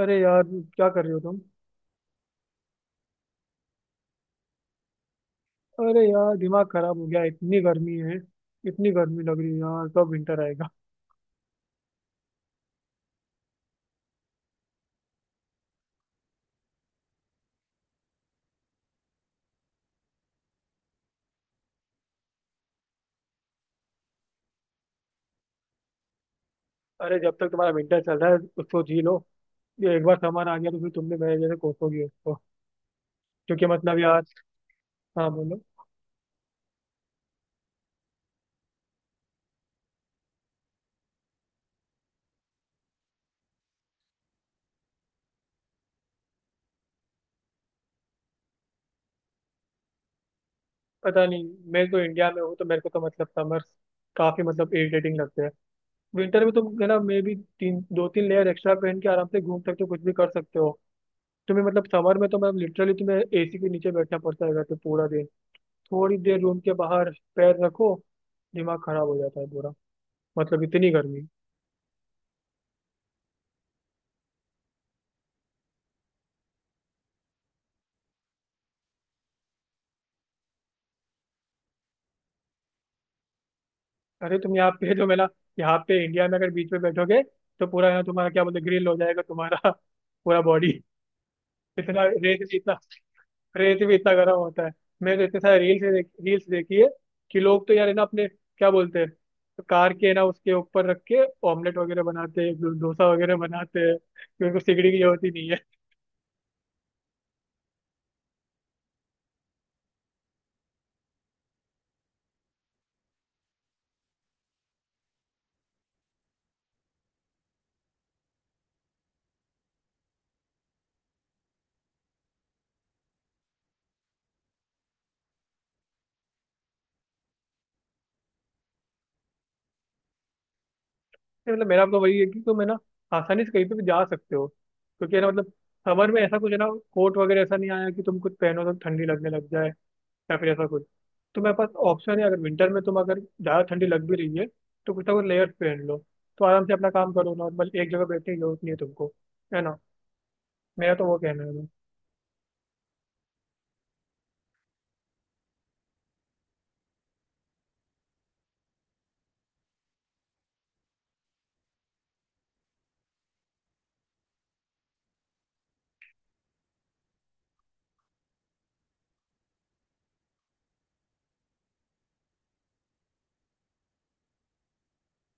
अरे यार, क्या कर रहे हो तुम? अरे यार, दिमाग खराब हो गया, इतनी गर्मी है। इतनी गर्मी लग रही है यार, कब विंटर आएगा? अरे जब तक तुम्हारा विंटर चल रहा है उसको जी लो। ये एक बार सामान आ गया तो फिर तुमने मेरे जैसे कोसोगी उसको, क्योंकि यार। हाँ बोलो। पता नहीं, मैं तो इंडिया में हूँ तो मेरे को तो समर काफी इरिटेटिंग लगते हैं। विंटर में तुम है ना, मे भी तीन लेयर एक्स्ट्रा पहन के आराम से घूम सकते हो, कुछ भी कर सकते हो। तुम्हें समर में तो मैं लिटरली तुम्हें एसी के नीचे बैठना पड़ता है तो पूरा दिन। थोड़ी देर रूम के बाहर पैर रखो, दिमाग खराब हो जाता है पूरा। मतलब इतनी गर्मी। अरे तुम यहाँ पे तो मेरा, यहाँ पे इंडिया में अगर बीच में बैठोगे तो पूरा यहाँ तुम्हारा क्या बोलते, ग्रिल हो जाएगा तुम्हारा पूरा बॉडी। इतना रेत भी इतना, रेत भी इतना गर्म होता है। मैंने तो इतने सारे रील्स देखी है कि लोग तो यार है ना, अपने क्या बोलते हैं, कार के ना उसके ऊपर रख के ऑमलेट वगैरह बनाते हैं, डोसा वगैरह बनाते हैं, क्योंकि उनको सिगड़ी की जरूरत ही नहीं है। नहीं, मतलब मेरा आपका वही है कि तुम है ना, आसानी से कहीं पे भी जा सकते हो क्योंकि है ना, मतलब समर में ऐसा कुछ है ना, कोट वगैरह ऐसा नहीं आया कि तुम कुछ पहनो तो ठंडी लगने लग जाए या फिर ऐसा कुछ। तो मेरे पास ऑप्शन है, अगर विंटर में तुम अगर ज़्यादा ठंडी लग भी रही है तो कुछ ना कुछ लेयर्स पहन लो, तो आराम से अपना काम करो नॉर्मल, एक जगह बैठने की जरूरत नहीं है तुमको, है ना। मेरा तो वो कहना है भाई।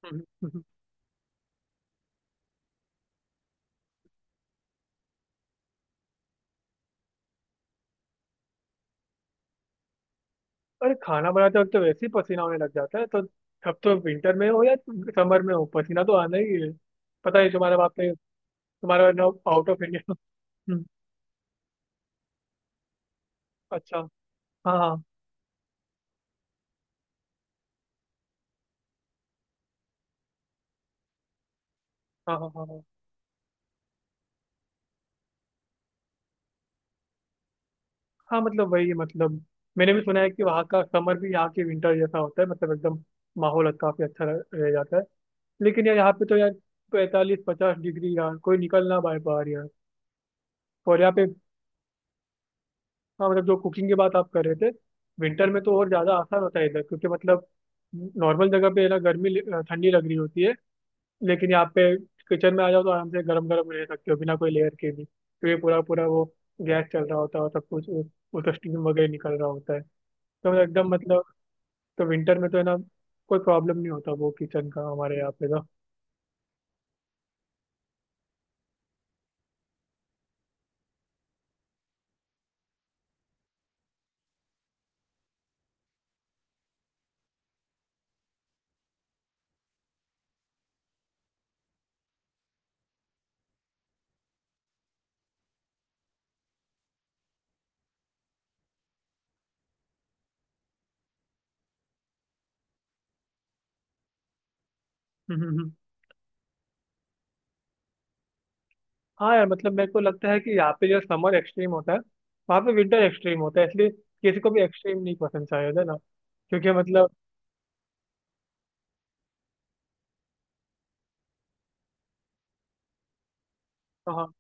हम्म। हम्म। अरे खाना बनाते वक्त तो वैसे ही पसीना होने लग जाता है, तो अब तो विंटर में हो या समर में हो पसीना तो आना ही है। पता है तुम्हारे बाप का, तुम्हारा आउट ऑफ इंडिया। अच्छा। हाँ हाँ हाँ हाँ। हाँ हाँ। हाँ, मतलब वही है, मतलब मैंने भी सुना है कि वहाँ का समर भी यहाँ के विंटर जैसा होता है, मतलब एकदम माहौल अच्छा, काफी अच्छा रह जाता है। लेकिन यार, यहाँ पे तो यार 45-50 डिग्री, यार कोई निकल ना पाए बाहर यार। और यहाँ पे हाँ, मतलब जो कुकिंग की बात आप कर रहे थे, विंटर में तो और ज्यादा आसान होता है इधर, क्योंकि मतलब नॉर्मल जगह पे है ना, गर्मी, ठंडी लग रही होती है। लेकिन यहाँ पे किचन में आ जाओ तो आराम से गरम गरम रह सकते हो बिना कोई लेयर के भी, क्योंकि पूरा पूरा वो गैस चल रहा होता है और सब कुछ उसका स्टीम वगैरह निकल रहा होता है। तो एकदम मतलब, तो विंटर में तो है ना, कोई प्रॉब्लम नहीं होता वो किचन का हमारे यहाँ पे तो। हम्म। हम्म। हम्म। हाँ यार, मतलब मेरे को लगता है कि यहाँ पे जो समर एक्सट्रीम होता है वहाँ पे विंटर एक्सट्रीम होता है, इसलिए किसी को भी एक्सट्रीम नहीं पसंद शायद, है ना। क्योंकि मतलब हाँ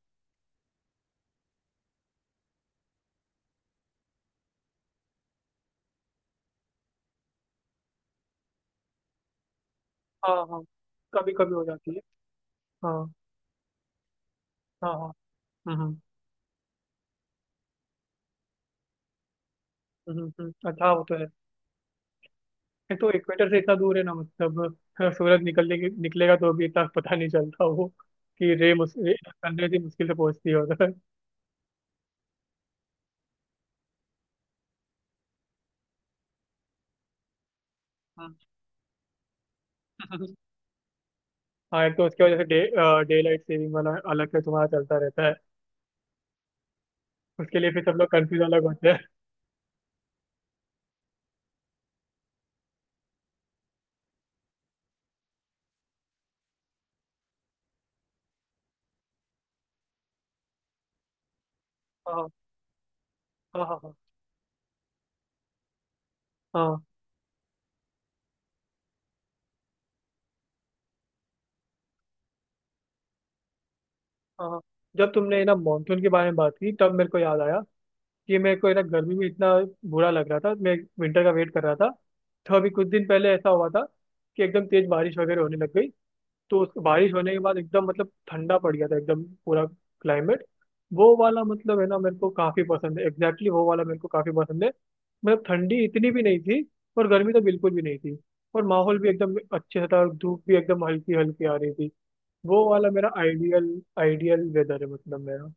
हाँ। हाँ, कभी कभी हो जाती है। हाँ। हाँ। हाँ हम्म हम्म हम्म। हम्म। हम्म। अच्छा हाँ, वो तो है। एक तो इक्वेटर से इतना दूर है ना, मतलब सूरज निकलने की निकलेगा तो भी इतना पता नहीं चलता वो, कि रे मुस सन रे भी मुश्किल से पहुंचती है उधर। हम्म। हाँ, एक तो उसके वजह से डे डे लाइट सेविंग वाला अलग से तुम्हारा चलता रहता है, उसके लिए फिर सब लोग कंफ्यूज अलग होते हैं। हाँ हाँ हाँ हाँ। हाँ हाँ। जब तुमने ना मानसून के बारे में बात की तब मेरे को याद आया, कि मेरे को ना गर्मी में इतना बुरा लग रहा था, मैं विंटर का वेट कर रहा था। तो अभी कुछ दिन पहले ऐसा हुआ था कि एकदम तेज बारिश वगैरह होने लग गई, तो उस बारिश होने के बाद एकदम मतलब ठंडा पड़ गया था एकदम पूरा क्लाइमेट। वो वाला मतलब है ना, मेरे को काफी पसंद है, एग्जैक्टली वो वाला मेरे को काफी पसंद है। मतलब ठंडी इतनी भी नहीं थी, और गर्मी तो बिल्कुल भी नहीं थी, और माहौल भी एकदम अच्छे से था और धूप भी एकदम हल्की हल्की आ रही थी। वो वाला मेरा आइडियल आइडियल वेदर है मतलब मेरा।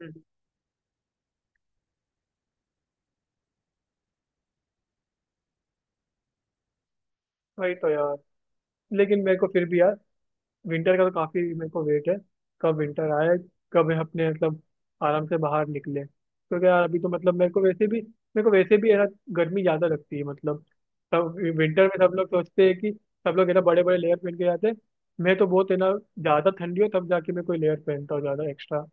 हम्म। वही तो यार। लेकिन मेरे को फिर भी यार, विंटर का तो काफी मेरे को वेट है। कब विंटर आए, कब मैं अपने मतलब आराम से बाहर निकले, क्योंकि यार अभी तो मतलब मेरे को वैसे भी है ना गर्मी ज्यादा लगती है। मतलब सब विंटर में सब लोग सोचते हैं कि, सब लोग है ना बड़े बड़े लेयर पहन के जाते हैं, मैं तो बहुत है ना, ज्यादा ठंडी हो तब जाके मैं कोई लेयर पहनता हूँ ज्यादा एक्स्ट्रा।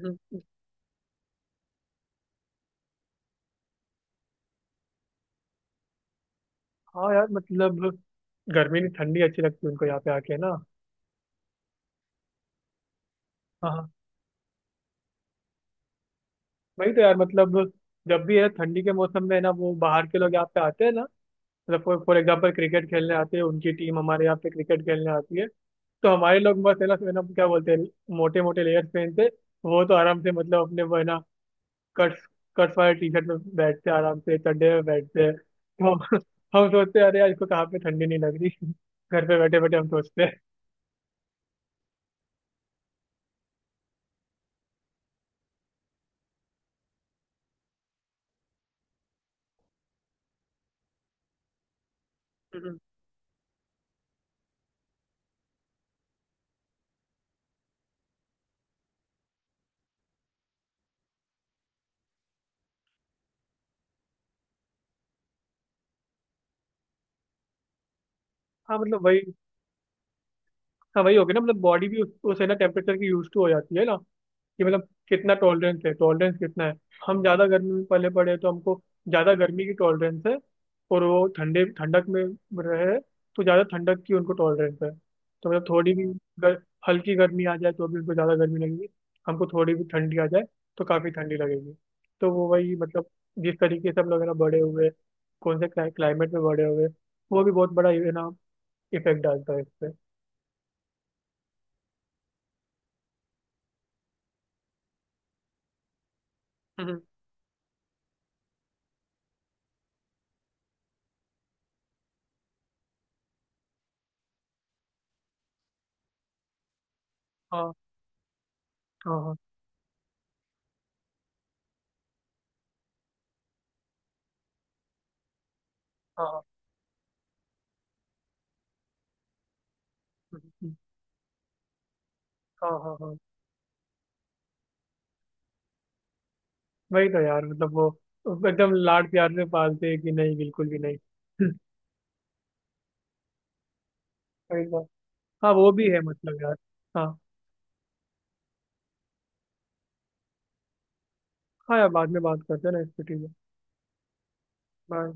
हम्म। हाँ यार, मतलब गर्मी नहीं ठंडी अच्छी लगती है उनको यहाँ पे आके ना। हाँ हाँ। वही तो यार, मतलब जब भी है ठंडी के मौसम में है ना, वो बाहर के लोग यहाँ पे आते हैं ना, मतलब फॉर फॉर एग्जाम्पल क्रिकेट खेलने आते हैं, उनकी टीम हमारे यहाँ पे क्रिकेट खेलने आती है, तो हमारे लोग बस है ना, है ना, क्या बोलते हैं, मोटे मोटे लेयर्स पहनते। वो तो आराम से मतलब अपने वो है ना, कट्स कट्स वाले टी शर्ट में बैठते, आराम से चड्डे में बैठते हैं। तो हम सोचते हैं अरे यार इसको कहाँ पे ठंडी नहीं लग रही, घर पे बैठे बैठे हम सोचते हैं। हम्म। हाँ मतलब वही। हाँ वही हो गया ना, मतलब बॉडी भी उस है ना टेम्परेचर की यूज टू हो जाती है ना, कि मतलब कितना टॉलरेंस है, टॉलरेंस कितना है। हम ज़्यादा गर्मी में पले पड़े हैं, तो हमको ज़्यादा गर्मी की टॉलरेंस है। और वो ठंडे ठंडक में रहे, तो ज़्यादा ठंडक की उनको टॉलरेंस है। तो मतलब थोड़ी भी गर, हल्की गर्मी आ जाए तो भी उनको ज़्यादा गर्मी लगेगी, हमको थोड़ी भी ठंडी आ जाए तो काफ़ी ठंडी लगेगी। तो वो वही मतलब जिस तरीके से हम लोग है ना बड़े हुए, कौन से क्लाइमेट में बड़े हुए, वो भी बहुत बड़ा ये ना इफेक्ट डालता है इस पे। हम्म। हाँ हाँ हाँ हाँ। हाँ हाँ हाँ हाँ। हाँ, वही तो यार, मतलब वो एकदम लाड प्यार से पालते हैं, कि नहीं बिल्कुल भी नहीं। वही तो। हाँ वो भी है मतलब यार। हाँ, हाँ यार बाद में बात करते हैं ना इस पे, ठीक है। बाय।